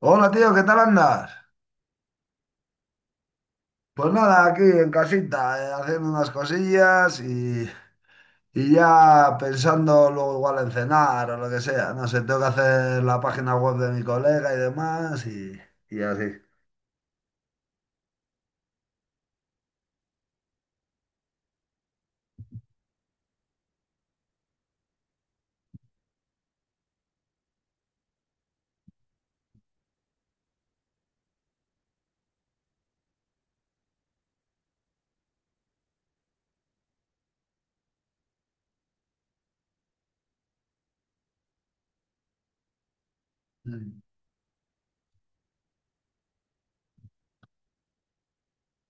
Hola tío, ¿qué tal andas? Pues nada, aquí en casita, haciendo unas cosillas y ya pensando luego igual en cenar o lo que sea. No sé, tengo que hacer la página web de mi colega y demás y así. Mm,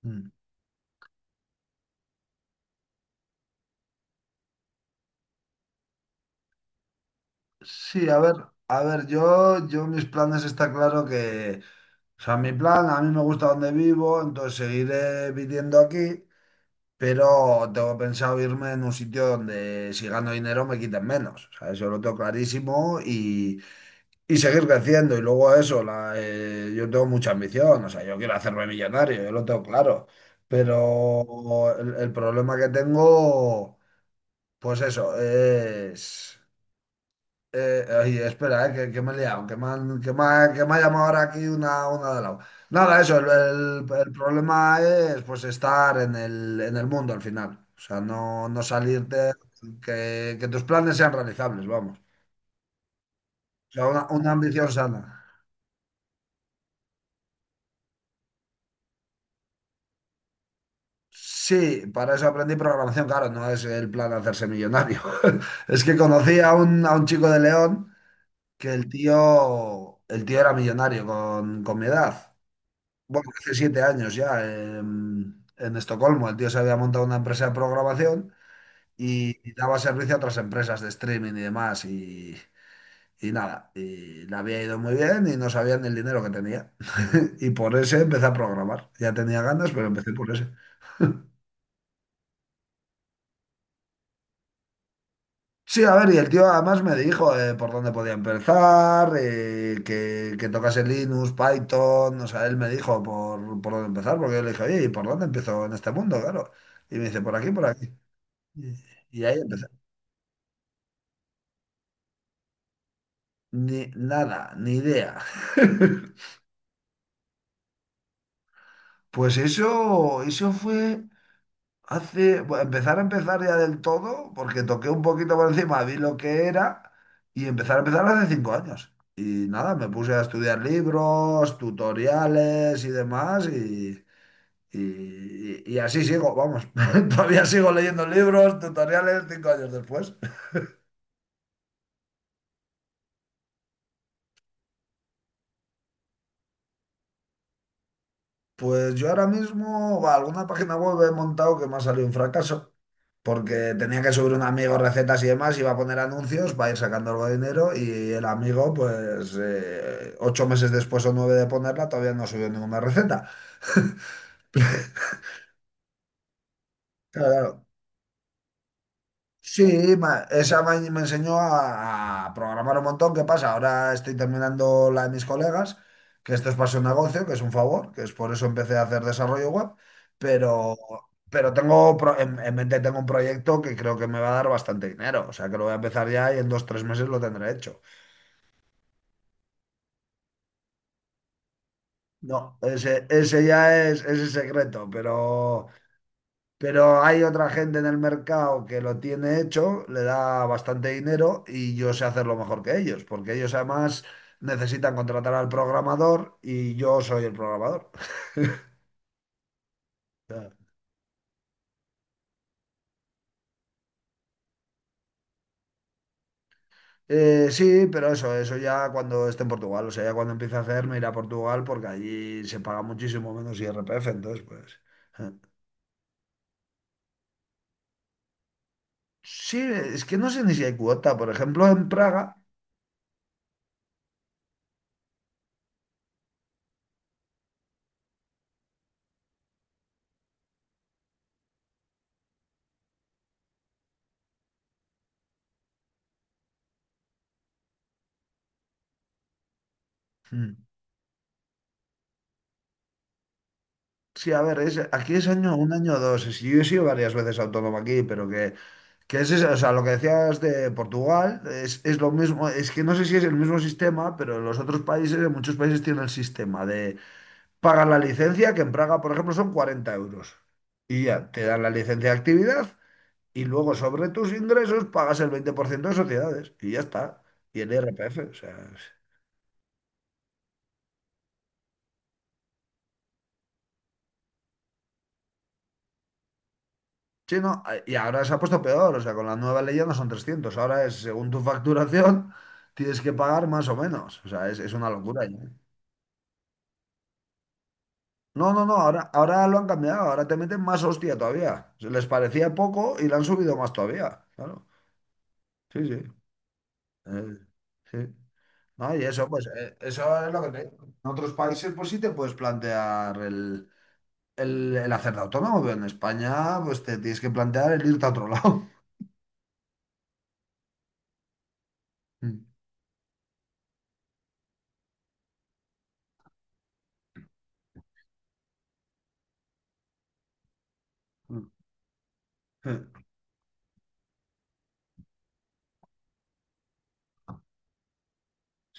mm. Sí, a ver, yo mis planes está claro que, o sea, mi plan, a mí me gusta donde vivo, entonces seguiré viviendo aquí. Pero tengo pensado irme en un sitio donde si gano dinero me quiten menos. O sea, eso lo tengo clarísimo y seguir creciendo. Y luego eso, la, yo tengo mucha ambición. O sea, yo quiero hacerme millonario, yo lo tengo claro. Pero el problema que tengo, pues eso, es... oye, espera, que me he liado, que me ha llamado ahora aquí una de lado. Nada, eso, el problema es pues estar en en el mundo al final. O sea, no salirte, que tus planes sean realizables, vamos. O sea, una ambición sana. Sí, para eso aprendí programación, claro, no es el plan hacerse millonario. Es que conocí a a un chico de León que el tío era millonario con mi edad. Bueno, hace 7 años ya, en Estocolmo, el tío se había montado una empresa de programación y daba servicio a otras empresas de streaming y demás. Y nada, y le había ido muy bien y no sabían el dinero que tenía. Y por ese empecé a programar. Ya tenía ganas, pero empecé por ese. Sí, a ver, y el tío además me dijo por dónde podía empezar, que tocase Linux, Python, o sea, él me dijo por dónde empezar, porque yo le dije, oye, ¿y por dónde empiezo en este mundo? Claro. Y me dice, por aquí, por aquí. Y, y ahí empezó. Ni, nada, ni idea. Pues eso fue hace, bueno, empezar a empezar ya del todo, porque toqué un poquito por encima, vi lo que era y empezar a empezar hace 5 años. Y nada, me puse a estudiar libros, tutoriales y demás y así sigo, vamos, todavía sigo leyendo libros, tutoriales 5 años después. Pues yo ahora mismo, va, alguna página web he montado que me ha salido un fracaso, porque tenía que subir un amigo recetas y demás, iba a poner anuncios para ir sacando algo de dinero y el amigo, pues 8 meses después o nueve de ponerla, todavía no subió ninguna receta. Claro, claro. Sí, ma- esa me enseñó a programar un montón. ¿Qué pasa? Ahora estoy terminando la de mis colegas, que esto es para su negocio, que es un favor, que es por eso empecé a hacer desarrollo web, pero, pero tengo pro- en mente tengo un proyecto que creo que me va a dar bastante dinero. O sea, que lo voy a empezar ya y en dos, tres meses lo tendré hecho. No, ese es secreto, pero... Pero hay otra gente en el mercado que lo tiene hecho, le da bastante dinero y yo sé hacerlo mejor que ellos, porque ellos además necesitan contratar al programador y yo soy el programador. Sí, pero eso ya cuando esté en Portugal, o sea, ya cuando empiece a hacer me iré a Portugal porque allí se paga muchísimo menos IRPF entonces pues... eh. Sí, es que no sé ni si hay cuota, por ejemplo, en Praga. hmm, Sí, a ver, es, aquí es año un año o dos. Sí, yo he sido varias veces autónomo aquí, pero que es eso, o sea, lo que decías de Portugal es lo mismo. Es que no sé si es el mismo sistema, pero en los otros países, en muchos países tienen el sistema de pagar la licencia, que en Praga, por ejemplo, son 40 euros. Y ya, te dan la licencia de actividad y luego sobre tus ingresos pagas el 20% de sociedades y ya está. Y el IRPF, o sea. Sí, no, y ahora se ha puesto peor, o sea, con la nueva ley ya no son 300, ahora es según tu facturación tienes que pagar más o menos, o sea, es una locura ya. No, no, no, ahora, ahora lo han cambiado, ahora te meten más hostia todavía. Se les parecía poco y le han subido más todavía, claro. Sí, sí. eh, sí. No, y eso, pues, eso es lo que te digo. En otros países, pues sí te puedes plantear el hacer autónomo, pero en España, pues te tienes que plantear el irte a otro lado.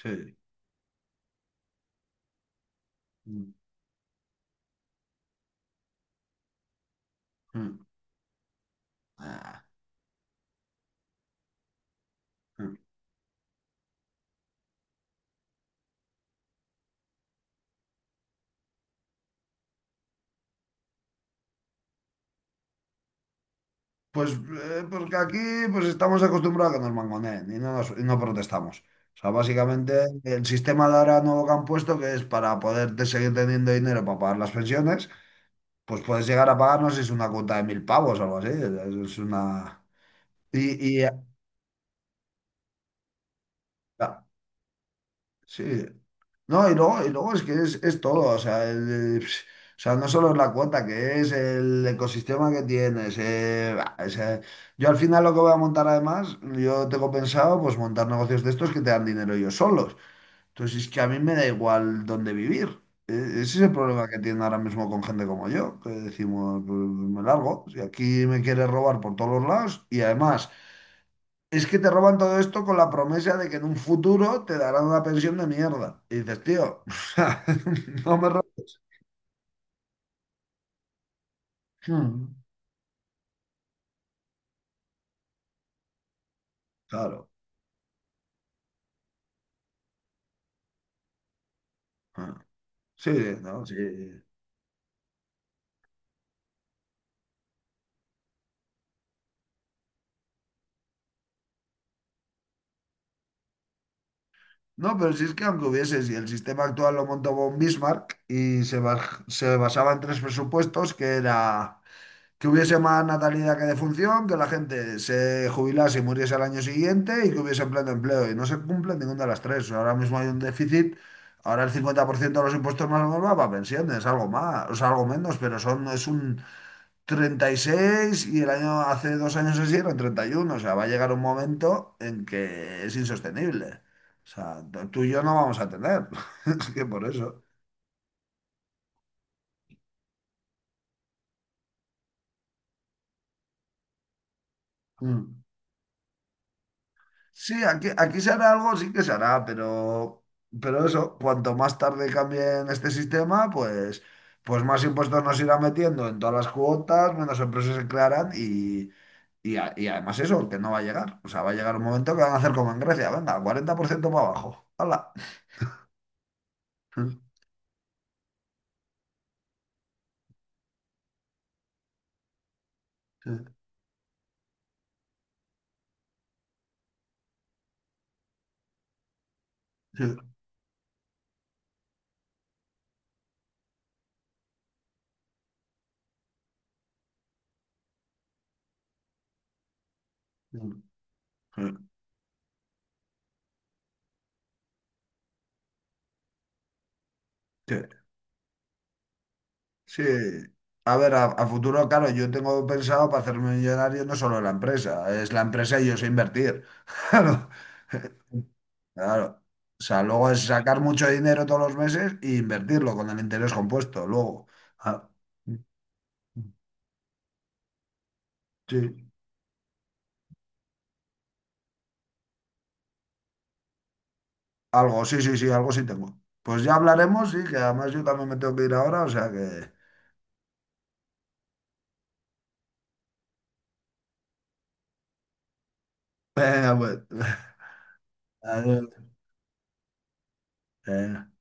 Sí. Mm, mm. Ah, pues porque aquí pues estamos acostumbrados a que nos mangoneen nos- y no protestamos. O sea, básicamente el sistema de ahora nuevo que han puesto, que es para poder te- seguir teniendo dinero para pagar las pensiones, pues puedes llegar a pagarnos es una cuota de 1.000 pavos o algo así. Es una... Y, y, ah, sí. No, y luego es que es todo, o sea, el- pf, o sea, no solo es la cuota, que es el ecosistema que tienes. O sea, yo al final lo que voy a montar además, yo tengo pensado pues montar negocios de estos que te dan dinero ellos solos. Entonces es que a mí me da igual dónde vivir. E- Ese es el problema que tienen ahora mismo con gente como yo, que decimos, "Pues, me largo, si aquí me quieres robar por todos los lados y además... Es que te roban todo esto con la promesa de que en un futuro te darán una pensión de mierda. Y dices, tío, o sea, no me robes. Mm. Claro. Ah, sí, no, sí. No, pero si es que aunque hubiese, si el sistema actual lo montó von Bismarck y se, baj- se basaba en tres presupuestos, que era que hubiese más natalidad que defunción, que la gente se jubilase y muriese al año siguiente y que hubiese pleno empleo. Y no se cumple ninguna de las tres. Ahora mismo hay un déficit, ahora el 50% de los impuestos más o menos va para pensiones, algo más, o sea, algo menos, pero son, es un 36 y el año, hace 2 años así eran 31. O sea, va a llegar un momento en que es insostenible. O sea, tú y yo no vamos a tener. Es que por eso. Mm. Sí, aquí, aquí se hará algo, sí que se hará, pero eso, cuanto más tarde cambien este sistema, pues, pues más impuestos nos irán metiendo en todas las cuotas, menos empresas se crearán y además eso, que no va a llegar. O sea, va a llegar un momento que van a hacer como en Grecia, venga, 40% para abajo. ¡Hala! Sí, sí. Sí. A ver, a futuro, claro, yo tengo pensado para hacerme millonario no solo la empresa, es la empresa y yo sé invertir. Claro. Claro. O sea, luego es sacar mucho dinero todos los meses e invertirlo con el interés compuesto. Luego, Ah, sí, algo, sí, sí, sí, algo sí tengo. Pues ya hablaremos, sí, que además yo también me tengo que ir ahora, o sea que... Venga, pues. Adiós. Eh,